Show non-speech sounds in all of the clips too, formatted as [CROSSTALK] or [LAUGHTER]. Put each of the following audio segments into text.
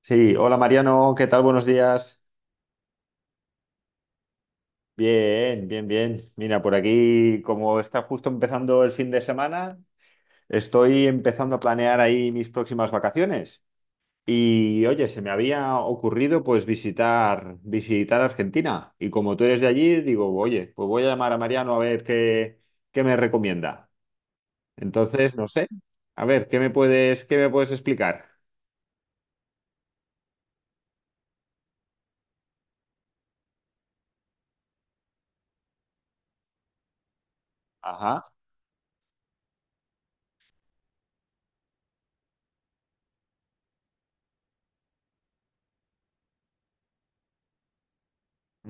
Sí, hola Mariano, ¿qué tal? Buenos días. Bien, bien, bien. Mira, por aquí, como está justo empezando el fin de semana, estoy empezando a planear ahí mis próximas vacaciones. Y oye, se me había ocurrido pues visitar Argentina. Y como tú eres de allí, digo, oye, pues voy a llamar a Mariano a ver qué me recomienda. Entonces, no sé, a ver, qué me puedes explicar? Ajá.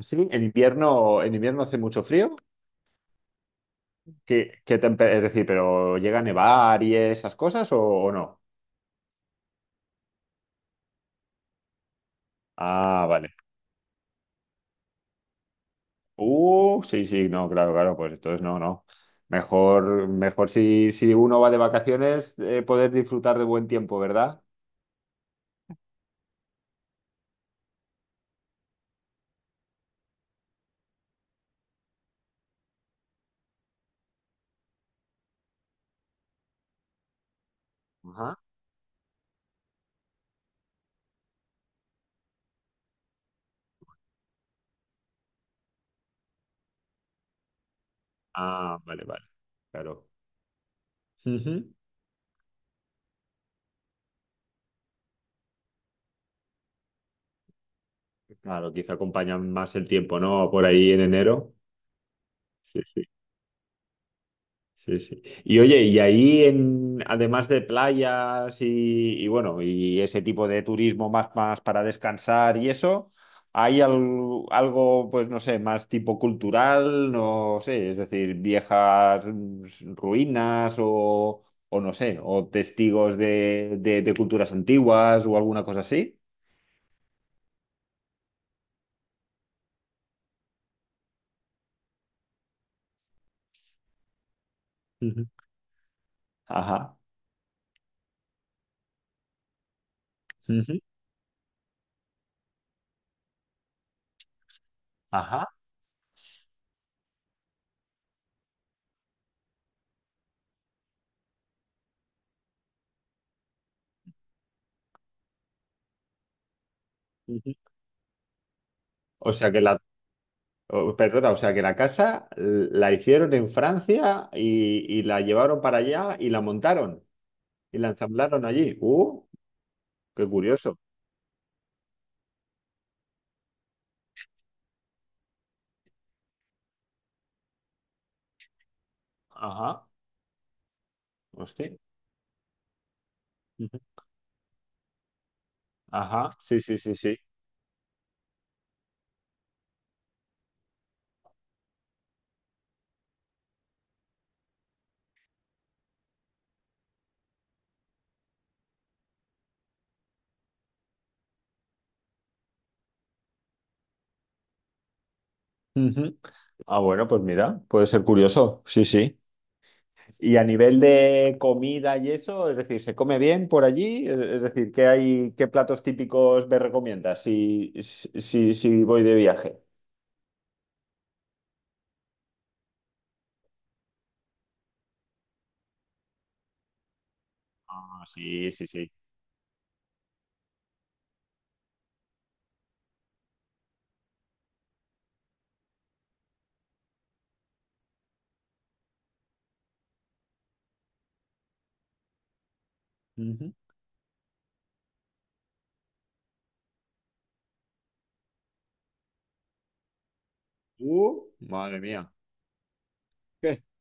Sí, en invierno hace mucho frío. Es decir, pero llega a nevar y esas cosas o no? Ah, vale. Sí, sí, no, claro, claro, pues entonces no, no. Mejor, mejor si uno va de vacaciones, poder disfrutar de buen tiempo, ¿verdad? Ajá. Ah, vale, vale, claro. Ujú. Claro, quizá acompaña más el tiempo, ¿no? Por ahí en enero. Sí, sí. Sí, sí. Y oye, además de playas y bueno, y ese tipo de turismo más para descansar y eso, ¿hay al- algo, pues no sé, más tipo cultural? No sé, es decir, viejas ruinas o no sé, o testigos de culturas antiguas o alguna cosa así. Ujú. Ajá. Ujú. Ajá. Ujú. O sea que la Oh, perdona, o sea que la casa la hicieron en Francia y la llevaron para allá y la montaron y la ensamblaron allí. ¡Uh! ¡Qué curioso! Ajá, hostia. Ujú. Ajá, sí, sí, sí, sí. Ujú. Ah, bueno, pues mira, puede ser curioso, sí, sí. Y a nivel de comida y eso, es decir, ¿se come bien por allí? Es decir, ¿qué hay, qué platos típicos me recomiendas si voy de viaje? Ah, sí, sí, sí. Ujú. Madre mía. [LAUGHS]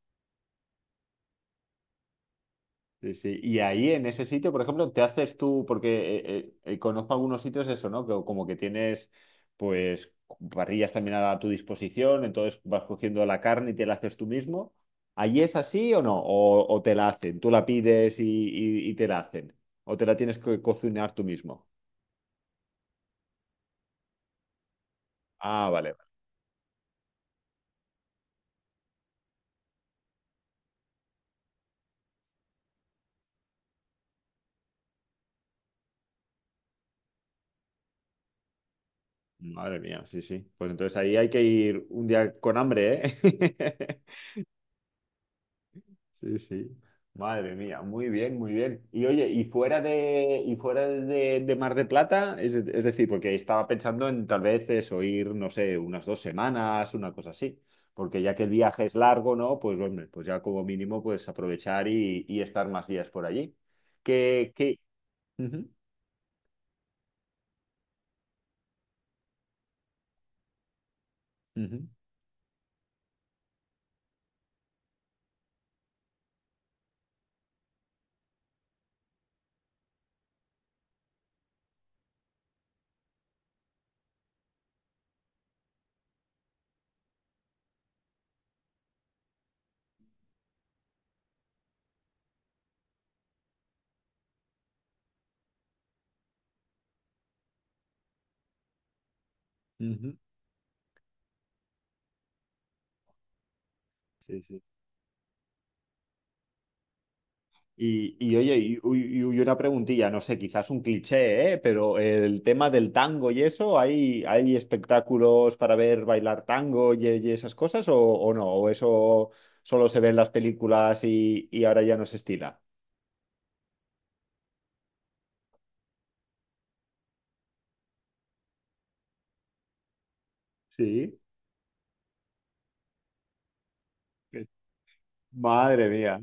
Sí, sí. Y ahí en ese sitio, por ejemplo, te haces tú, porque conozco algunos sitios eso, ¿no? Que como que tienes pues parrillas también a tu disposición, entonces vas cogiendo la carne y te la haces tú mismo. ¿Allí es así o no? O te la hacen? ¿Tú la pides y te la hacen? ¿O te la tienes que cocinar tú mismo? Ah, vale. Vale. Madre mía, sí, sí. Pues entonces ahí hay que ir un día con hambre, ¿eh? [LAUGHS] Sí, sí. Madre mía, muy bien, muy bien. Y oye, y fuera de Mar de Plata, es decir, porque estaba pensando en tal vez eso, ir, no sé, unas dos semanas, una cosa así. Porque ya que el viaje es largo, ¿no? Pues hombre, pues ya como mínimo, pues aprovechar y estar más días por allí. Que... Ujú, ujú, ujú. Sí, sí. Y, oye, y una preguntilla, no sé, quizás un cliché, ¿eh? Pero el tema del tango y eso, hay espectáculos para ver bailar tango y esas cosas o no? ¿O eso solo se ve en las películas y ahora ya no se estila? Sí. Que- Madre mía.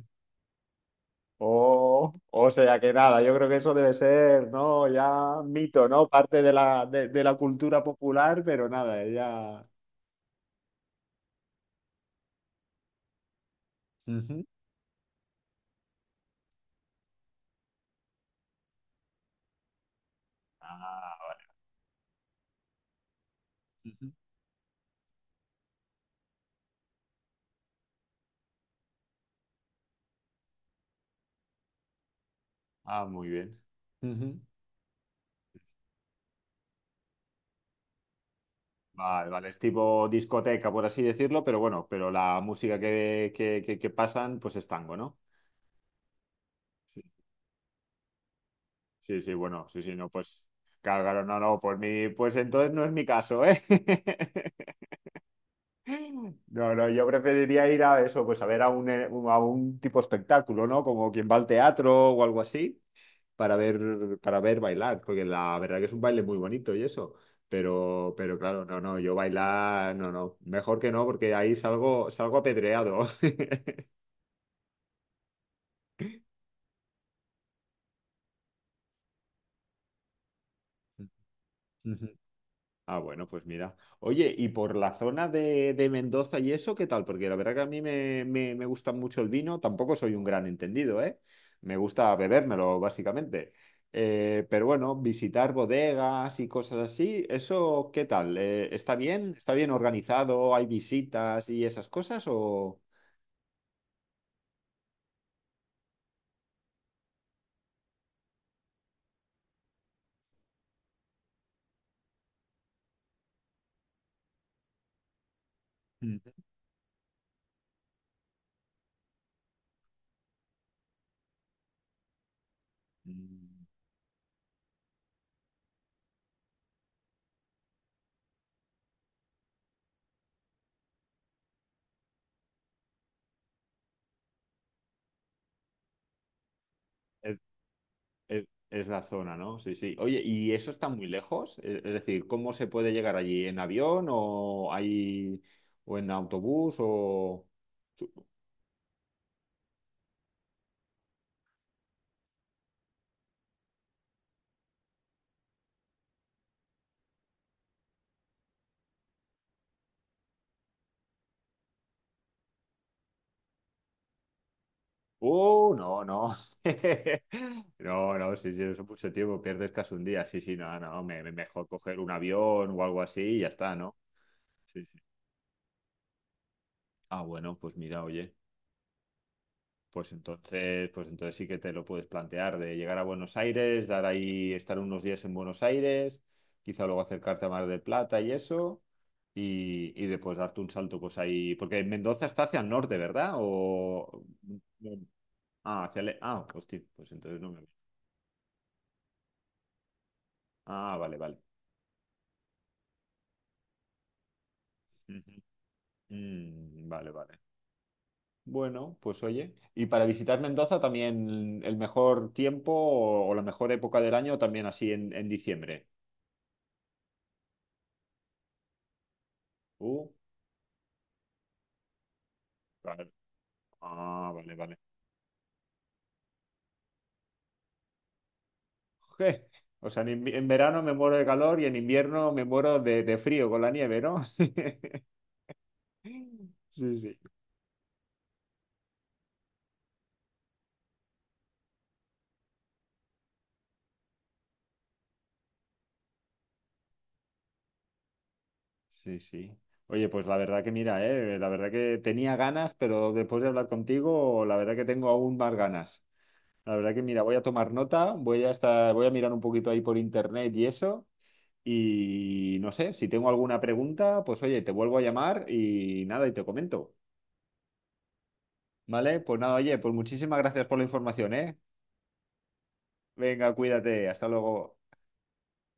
Oh, o sea que nada, yo creo que eso debe ser, ¿no? Ya mito, ¿no? Parte de la cultura popular, pero nada, ya... Ujú. Ah, ujú. Ah, muy bien. Ujú. Vale, vale, es tipo discoteca, por así decirlo, pero bueno, pero la música que pasan, pues es tango, ¿no? Sí, sí, sí, bueno, sí, sí, no, pues, claro, claro, no, no, por mí, pues entonces no es mi caso, ¿eh? [LAUGHS] No, no, yo preferiría ir a eso, pues a ver a un, a un tipo espectáculo, ¿no? Como quien va al teatro o algo así, para para ver bailar, porque la verdad que es un baile muy bonito y eso. Pero claro, no, no, yo bailar, no, no, mejor que no, porque ahí salgo, salgo apedreado. [LAUGHS] Ujú. Ah, bueno, pues mira. Oye, y por la zona de Mendoza y eso, ¿qué tal? Porque la verdad que a mí me gusta mucho el vino, tampoco soy un gran entendido, ¿eh? Me gusta bebérmelo, básicamente. Pero bueno, visitar bodegas y cosas así, ¿eso qué tal? ¿Está bien? ¿Está bien organizado? ¿Hay visitas y esas cosas? ¿O...? Mm. Mm. Es, es la zona, ¿no? Sí, sí. Oye, ¿y eso está muy lejos? Es decir, ¿cómo se puede llegar allí? ¿En avión o hay o en autobús o su- ¡Uh! No, no. [LAUGHS] No, no, sí, sí, eso mucho tiempo, pierdes casi un día. Sí, sí, no, no, mejor coger un avión o algo así y ya está, ¿no? Sí, sí. Ah, bueno, pues mira, oye. Pues entonces sí que te lo puedes plantear de llegar a Buenos Aires, dar ahí, estar unos días en Buenos Aires, quizá luego acercarte a Mar del Plata y eso, y después darte un salto pues ahí, porque Mendoza está hacia el norte, ¿verdad? O ah, hacia el... ah, hostia, pues entonces no me Ah, vale, vale. Ujú. Mm, vale, vale. Bueno, pues oye, y para visitar Mendoza también el mejor tiempo o la mejor época del año también así en diciembre. Uh. Vale. Ah, vale, vale. [LAUGHS] Je, o sea, en verano me muero de calor y en invierno me muero de frío con la nieve, ¿no? [LAUGHS] Sí, sí. Sí, sí. Oye, pues la verdad que mira, la verdad que tenía ganas, pero después de hablar contigo, la verdad que tengo aún más ganas. La verdad que mira, voy a tomar nota, voy a estar, voy a mirar un poquito ahí por internet y eso. Y no sé, si tengo alguna pregunta, pues oye, te vuelvo a llamar y nada, y te comento. ¿Vale? Pues nada, oye, pues muchísimas gracias por la información, ¿eh? Venga, cuídate, hasta luego.